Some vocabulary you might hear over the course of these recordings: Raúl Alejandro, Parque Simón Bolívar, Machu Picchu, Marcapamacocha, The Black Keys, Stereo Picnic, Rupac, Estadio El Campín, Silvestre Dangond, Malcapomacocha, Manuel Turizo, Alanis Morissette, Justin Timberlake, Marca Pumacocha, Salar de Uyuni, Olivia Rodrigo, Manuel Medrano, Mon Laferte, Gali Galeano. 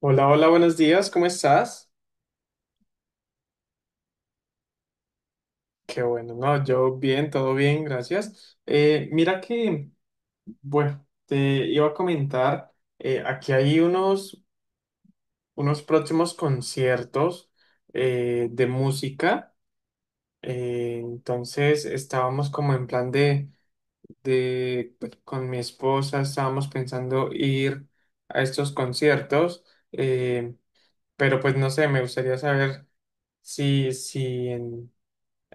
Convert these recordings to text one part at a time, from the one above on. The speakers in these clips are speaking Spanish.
Hola, hola, buenos días, ¿cómo estás? Qué bueno, no, yo bien, todo bien, gracias. Mira que, bueno, te iba a comentar, aquí hay unos próximos conciertos de música, entonces estábamos como en plan de, pues, con mi esposa estábamos pensando ir a estos conciertos, eh, pero pues no sé, me gustaría saber si en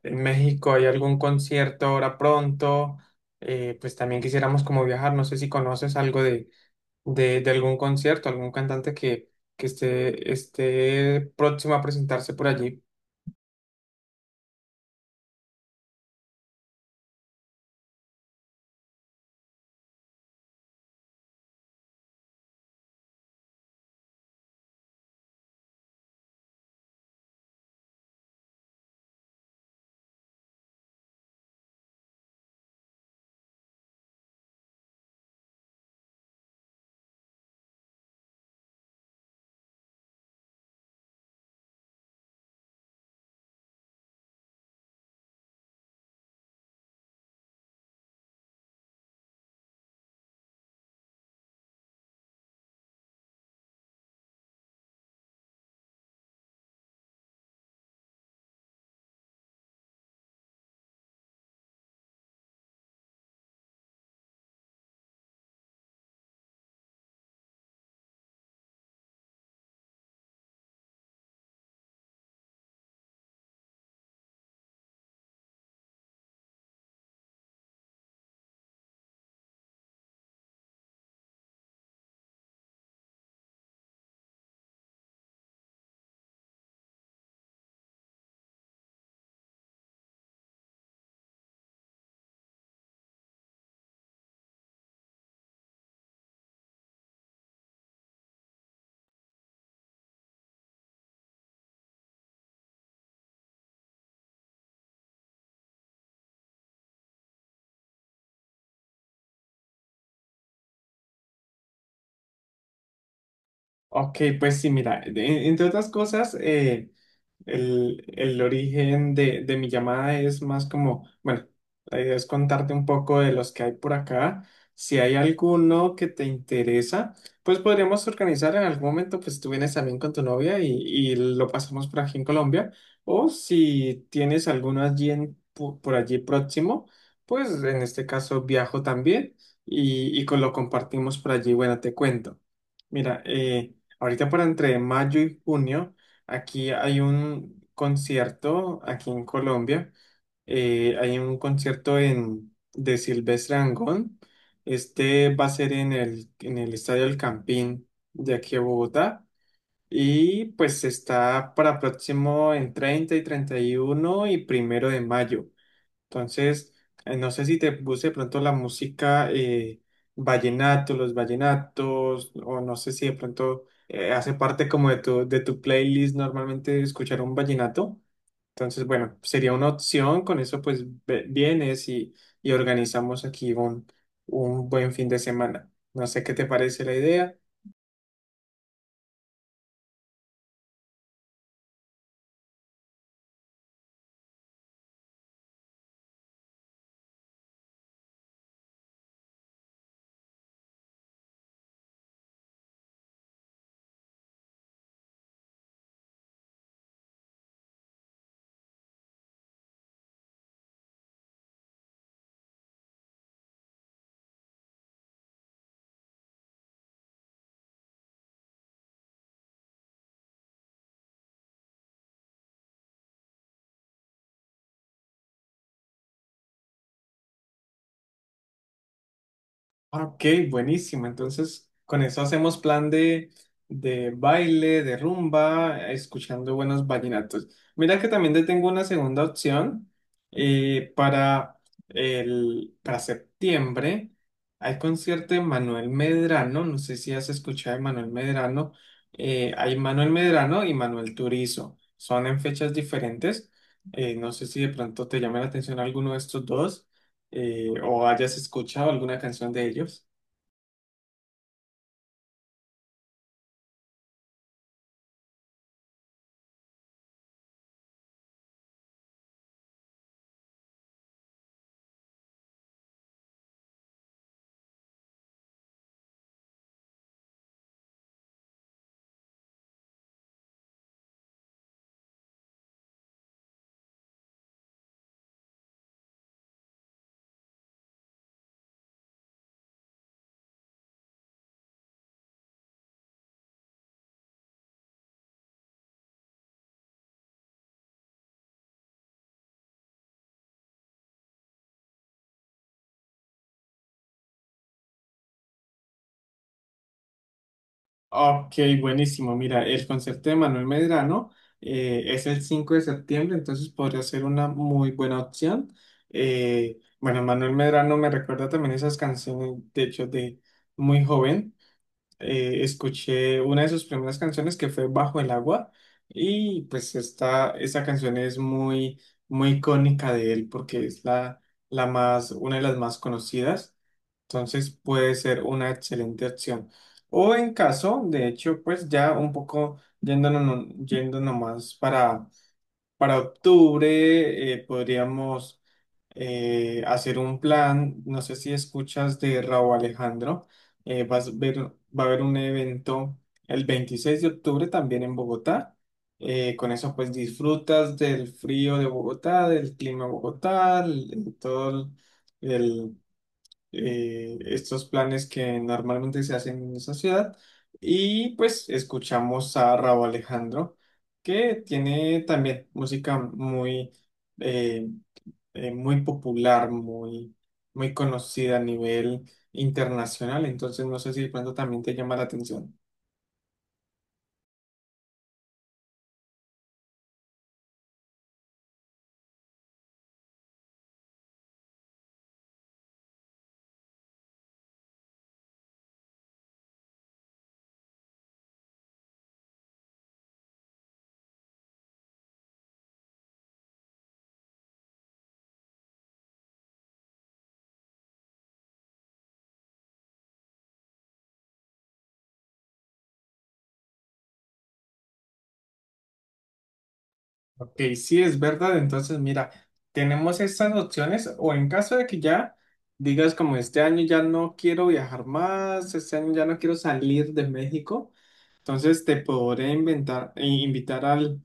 en México hay algún concierto ahora pronto. Pues también quisiéramos como viajar, no sé si conoces algo de, de algún concierto, algún cantante que esté próximo a presentarse por allí. Ok, pues sí, mira, entre otras cosas. El origen de mi llamada es más como, bueno, la idea es contarte un poco de los que hay por acá. Si hay alguno que te interesa, pues podríamos organizar en algún momento, pues tú vienes también con tu novia y lo pasamos por aquí en Colombia. O si tienes alguno por allí próximo, pues en este caso viajo también y lo compartimos por allí. Bueno, te cuento. Mira, ahorita por entre mayo y junio, aquí hay un concierto, aquí en Colombia, hay un concierto de Silvestre Dangond. Este va a ser en el Estadio El Campín de aquí a Bogotá. Y pues está para próximo en 30 y 31 y primero de mayo. Entonces, no sé si te puse de pronto la música vallenato, los vallenatos, o no sé si de pronto hace parte como de tu playlist normalmente escuchar un vallenato. Entonces, bueno, sería una opción, con eso pues vienes y organizamos aquí un buen fin de semana. No sé qué te parece la idea. Ah, Ok, buenísimo. Entonces, con eso hacemos plan de baile, de rumba, escuchando buenos vallenatos. Mira que también te tengo una segunda opción eh, para, para septiembre. Hay concierto de Manuel Medrano, no sé si has escuchado de Manuel Medrano. Hay Manuel Medrano y Manuel Turizo. Son en fechas diferentes. No sé si de pronto te llama la atención alguno de estos dos. O hayas escuchado alguna canción de ellos. Ok, buenísimo. Mira, el concierto de Manuel Medrano es el 5 de septiembre, entonces podría ser una muy buena opción. Bueno, Manuel Medrano me recuerda también esas canciones, de hecho, de muy joven. Escuché una de sus primeras canciones que fue Bajo el agua y pues esta canción es muy, muy icónica de él porque es una de las más conocidas. Entonces puede ser una excelente opción. O en caso, de hecho, pues ya un poco yendo nomás para octubre. Podríamos hacer un plan, no sé si escuchas de Raúl Alejandro. eh, vas a ver, va a haber un evento el 26 de octubre también en Bogotá. Con eso pues disfrutas del frío de Bogotá, del clima de Bogotá. El- todo el, estos planes que normalmente se hacen en esa ciudad. Y pues escuchamos a Raúl Alejandro, que tiene también música eh, muy popular, muy conocida a nivel internacional. Entonces no sé si de pronto también te llama la atención. Ok, sí es verdad, entonces mira, tenemos estas opciones o en caso de que ya digas como este año ya no quiero viajar más, este año ya no quiero salir de México, entonces te podré invitar al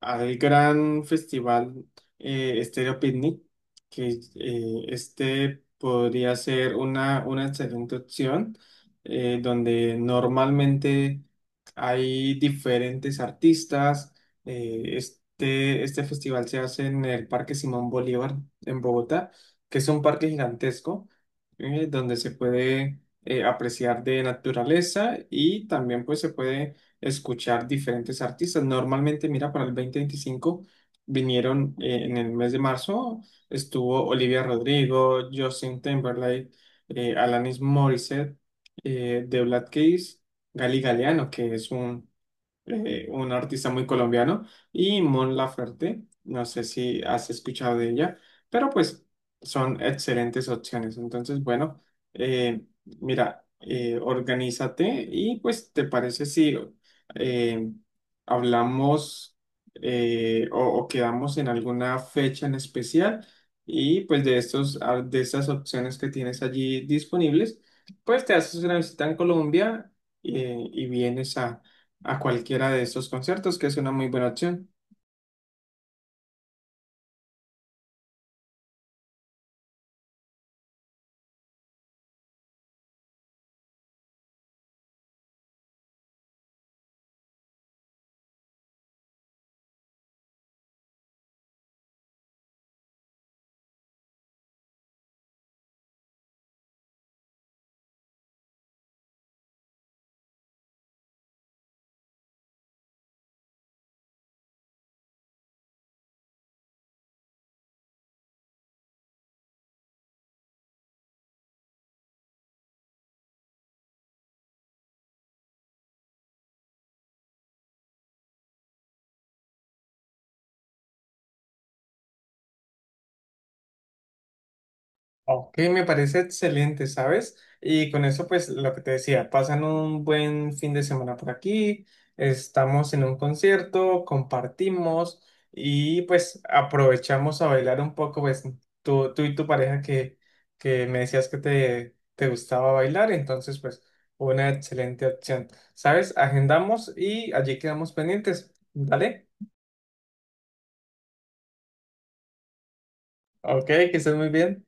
al gran festival Stereo Picnic, que este podría ser una excelente opción. Donde normalmente hay diferentes artistas. Este festival se hace en el Parque Simón Bolívar en Bogotá, que es un parque gigantesco, donde se puede apreciar de naturaleza y también pues se puede escuchar diferentes artistas. Normalmente, mira, para el 2025 vinieron, en el mes de marzo, estuvo Olivia Rodrigo, Justin Timberlake, Alanis Morissette, The Black Keys, Gali Galeano, que es un artista muy colombiano, y Mon Laferte, no sé si has escuchado de ella, pero pues son excelentes opciones. Entonces, bueno, eh, mira, organízate y pues, ¿te parece si eh, hablamos, o quedamos en alguna fecha en especial? Y pues de estas opciones que tienes allí disponibles, pues te haces una visita en Colombia y vienes a cualquiera de estos conciertos, que es una muy buena opción. Ok, me parece excelente, ¿sabes? Y con eso, pues lo que te decía, pasan un buen fin de semana por aquí, estamos en un concierto, compartimos y pues aprovechamos a bailar un poco, pues tú y tu pareja que me decías que te gustaba bailar, entonces pues una excelente opción, ¿sabes? Agendamos y allí quedamos pendientes, ¿vale? Ok, que estés muy bien.